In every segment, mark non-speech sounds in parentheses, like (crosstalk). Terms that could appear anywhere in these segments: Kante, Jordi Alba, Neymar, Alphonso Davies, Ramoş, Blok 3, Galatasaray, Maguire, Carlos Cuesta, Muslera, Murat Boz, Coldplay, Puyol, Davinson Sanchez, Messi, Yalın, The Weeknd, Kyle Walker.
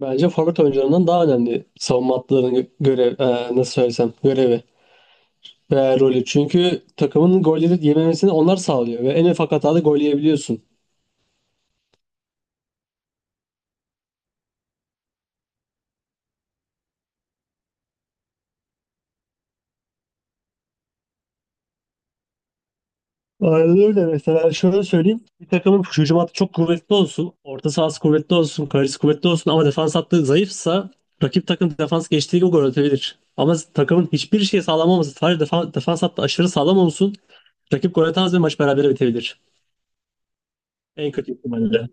Bence forvet oyuncularından daha önemli savunma hattlarının nasıl söylesem görevi ve rolü. Çünkü takımın golleri yememesini onlar sağlıyor ve en ufak hatada gol yiyebiliyorsun. Aynen öyle. Mesela şöyle söyleyeyim. Bir takımın hücum hattı çok kuvvetli olsun, orta sahası kuvvetli olsun, kalecisi kuvvetli olsun ama defans hattı zayıfsa rakip takım defans geçtiği gibi gol atabilir. Ama takımın hiçbir şey sağlam olması, sadece defans hattı aşırı sağlam olsun, rakip gol atamaz ve maç berabere bitebilir. En kötü ihtimalle.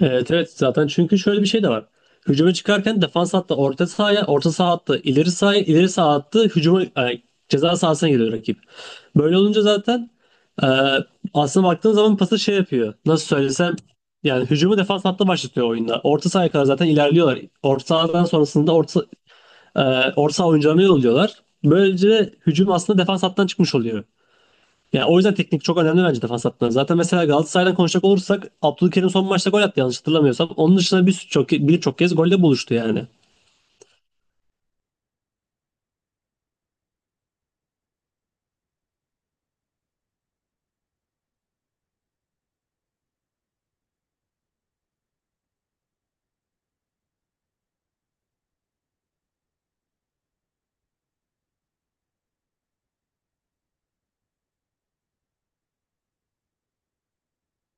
Evet, evet, zaten çünkü şöyle bir şey de var. Hücuma çıkarken defans hattı orta sahaya, orta saha hattı ileri sahaya, ileri saha hattı hücuma, ceza sahasına geliyor rakip. Böyle olunca zaten e, aslında baktığın zaman pası şey yapıyor. Nasıl söylesem yani hücumu defans hattı başlatıyor oyunda. Orta sahaya kadar zaten ilerliyorlar. Orta sahadan sonrasında e, orta saha oyuncularına yolluyorlar. Böylece hücum aslında defans hattından çıkmış oluyor. Yani o yüzden teknik çok önemli bence defans hattında. Zaten mesela Galatasaray'dan konuşacak olursak Abdülkerim son maçta gol attı yanlış hatırlamıyorsam. Onun dışında birçok kez golde buluştu yani.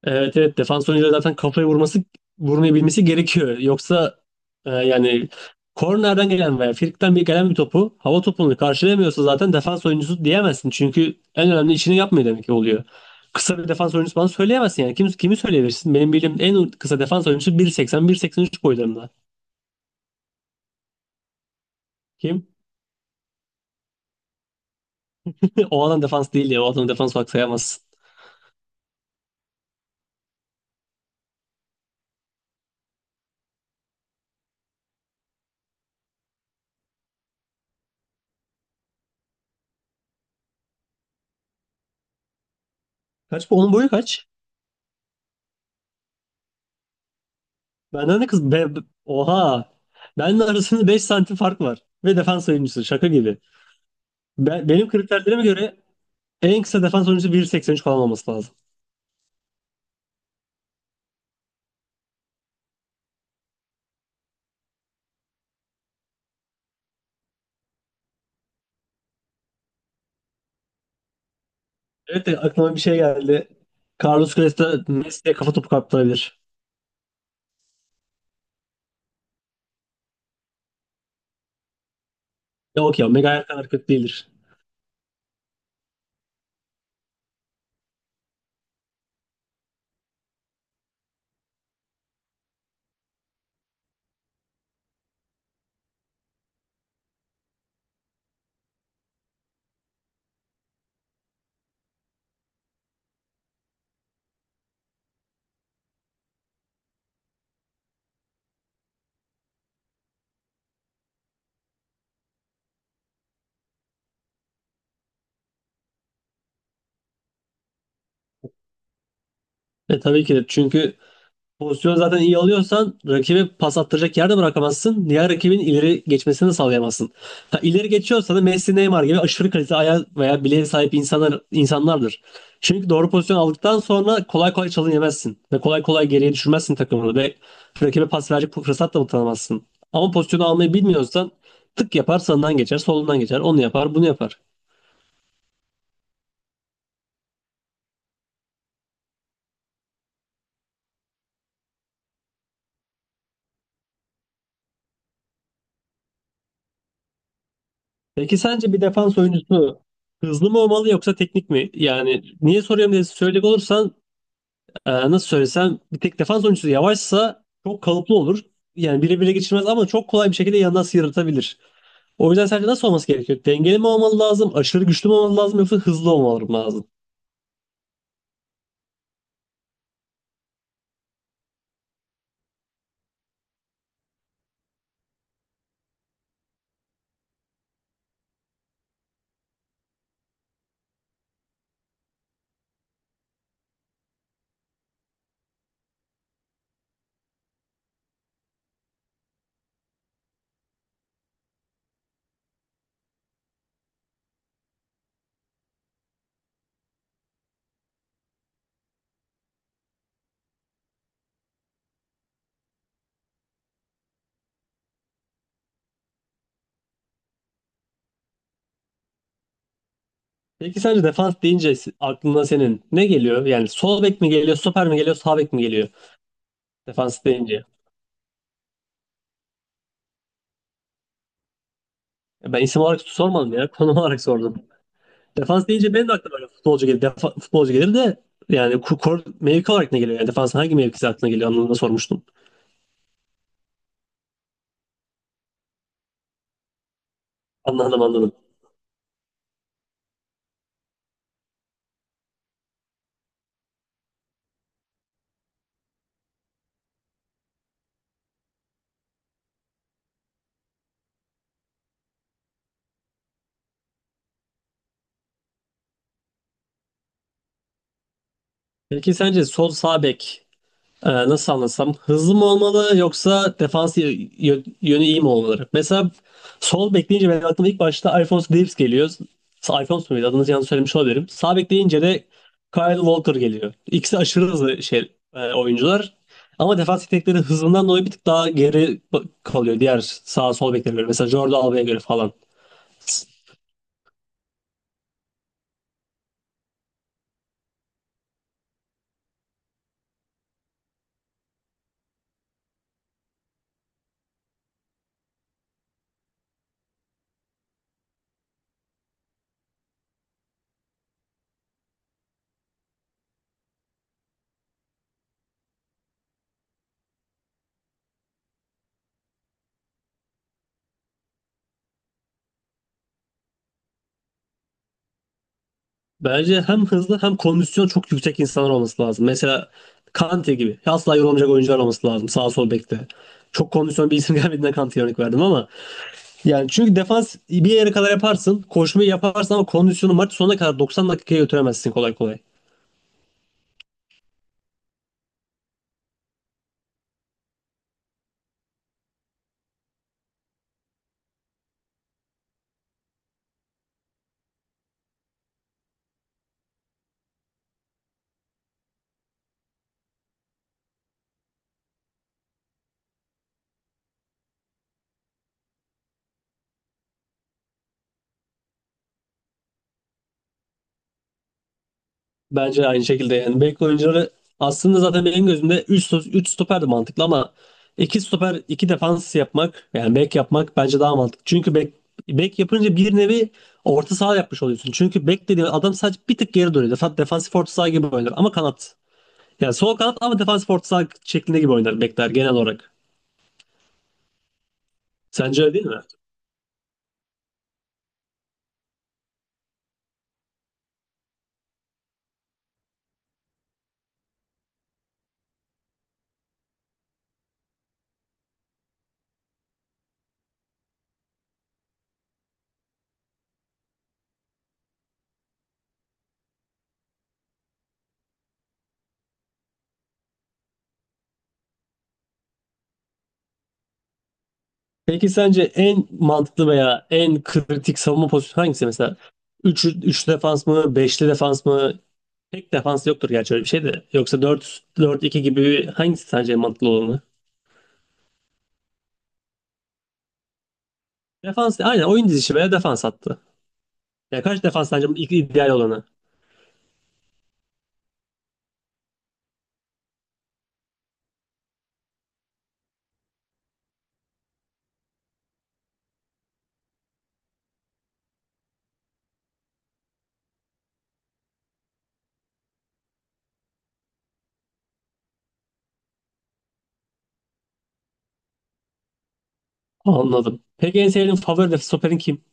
Evet, evet, defans oyuncuları zaten kafayı vurmayı bilmesi gerekiyor. Yoksa yani kornerden gelen veya frikikten bir gelen bir topu hava topunu karşılayamıyorsa zaten defans oyuncusu diyemezsin. Çünkü en önemli işini yapmıyor demek ki oluyor. Kısa bir defans oyuncusu bana söyleyemezsin yani. Kimi söyleyebilirsin? Benim bildiğim en kısa defans oyuncusu 1.80 üç boylarında. Kim? (laughs) O adam defans değil ya. O adam defans olarak sayamazsın. Kaç bu? Onun boyu kaç? Benden de kız. Oha. Benden arasında 5 santim fark var. Ve defans oyuncusu. Şaka gibi. Benim kriterlerime göre en kısa defans oyuncusu 1.83 falan olması lazım. Evet de aklıma bir şey geldi. Carlos Cuesta Messi'ye kafa topu kaptırabilir. Yok ya, Maguire kadar kötü değildir. E tabii ki de, çünkü pozisyonu zaten iyi alıyorsan rakibe pas attıracak yerde bırakamazsın. Diğer rakibin ileri geçmesini de sağlayamazsın. Ha, ileri geçiyorsa da Messi, Neymar gibi aşırı kalite ayağı veya bileğe sahip insanlardır. Çünkü doğru pozisyon aldıktan sonra kolay kolay çalın yemezsin. Ve kolay kolay geriye düşürmezsin takımını. Ve rakibe pas verecek fırsat da tanımazsın. Ama pozisyonu almayı bilmiyorsan tık yapar, sağından geçer, solundan geçer. Onu yapar, bunu yapar. Peki sence bir defans oyuncusu hızlı mı olmalı yoksa teknik mi? Yani niye soruyorum diye söyleyecek olursan, nasıl söylesem bir tek defans oyuncusu yavaşsa çok kalıplı olur. Yani bire bire geçirmez ama çok kolay bir şekilde yandan sıyrıltabilir. O yüzden sence nasıl olması gerekiyor? Dengeli mi olmalı lazım? Aşırı güçlü mü olmalı lazım? Yoksa hızlı olmalı mı lazım? Peki sence defans deyince aklına senin ne geliyor? Yani sol bek mi geliyor, stoper mi geliyor, sağ bek mi geliyor? Defans deyince. Ben isim olarak sormadım ya, (laughs) konum olarak sordum. Defans deyince benim de aklıma böyle futbolcu gelir, futbolcu gelir de yani kor mevki olarak ne geliyor? Yani defans hangi mevkisi aklına geliyor? Anlamında sormuştum. Anladım, anladım. Peki sence sol sağ bek nasıl anlasam hızlı mı olmalı yoksa defans yönü iyi mi olmalı? Mesela sol bek deyince benim aklıma ilk başta Alphonso Davies geliyor. Alphonso muydu? Adını yanlış söylemiş olabilirim. Sağ bek deyince de Kyle Walker geliyor. İkisi aşırı hızlı şey oyuncular. Ama defans yetenekleri hızından dolayı bir tık daha geri kalıyor diğer sağ sol beklere göre. Mesela Jordi Alba'ya göre falan. Bence hem hızlı hem kondisyon çok yüksek insanlar olması lazım. Mesela Kante gibi. Asla yorulmayacak oyuncular olması lazım sağ sol bekte. Çok kondisyon bir isim (laughs) gelmediğinden Kante'ye örnek verdim ama yani çünkü defans bir yere kadar yaparsın, koşmayı yaparsın ama kondisyonu maç sonuna kadar 90 dakikaya götüremezsin kolay kolay. Bence aynı şekilde yani bek oyuncuları aslında zaten benim gözümde 3 3 stoper de mantıklı ama 2 stoper 2 defans yapmak yani bek yapmak bence daha mantıklı. Çünkü bek yapınca bir nevi orta saha yapmış oluyorsun. Çünkü bek dediğin adam sadece bir tık geri duruyor. Defansif orta saha gibi oynar ama kanat. Yani sol kanat ama defansif orta saha şeklinde gibi oynar bekler genel olarak. Sence öyle değil mi? Peki sence en mantıklı veya en kritik savunma pozisyonu hangisi mesela? Üç 3 defans mı, beşli defans mı, pek defans yoktur gerçi öyle bir şey de. Yoksa 4-4-2 gibi hangisi sence mantıklı olanı? Defans, aynen oyun dizisi veya defans hattı. Ya kaç defans sence ilk ideal olanı? Anladım. Peki en sevdiğin favori stoperin kim?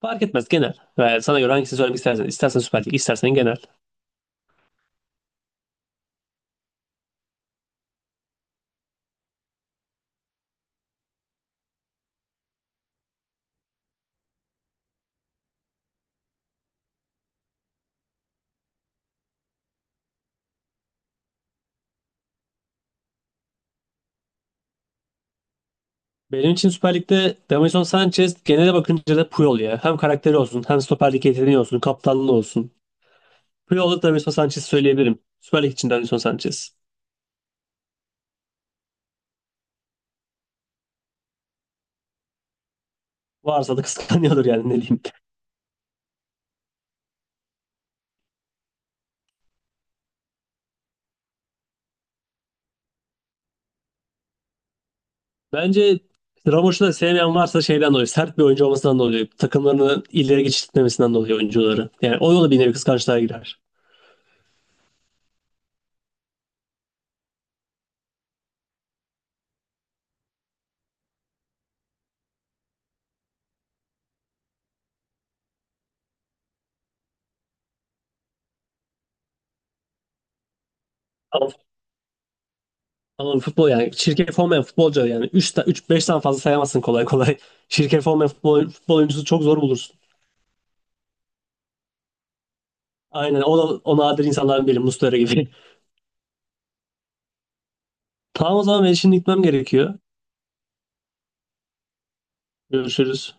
Fark etmez, genel. Ve sana göre hangisini söylemek istersen. İstersen Süper Lig, istersen genel. Benim için Süper Lig'de Davinson Sanchez, genele bakınca da Puyol ya. Hem karakteri olsun, hem Süper Lig yeteneği olsun, kaptanlığı olsun. Puyol'da Davinson Sanchez söyleyebilirim. Süper Lig için Davinson Sanchez. Varsa da kıskanıyordur yani, ne diyeyim. Bence Ramoş'u da sevmeyen varsa şeyden dolayı, sert bir oyuncu olmasından dolayı, takımlarını ileri geçirtmemesinden dolayı oyuncuları. Yani o yolu bir nevi kıskançlığa girer. Ama, ama futbol, yani çirkef olmayan futbolcu yani üç beş tane fazla sayamazsın kolay kolay. (laughs) Çirkef olmayan futbol oyuncusu çok zor bulursun. Aynen, o da o nadir insanların biri, Muslera gibi. (laughs) Tamam, o zaman ben şimdi gitmem gerekiyor. Görüşürüz.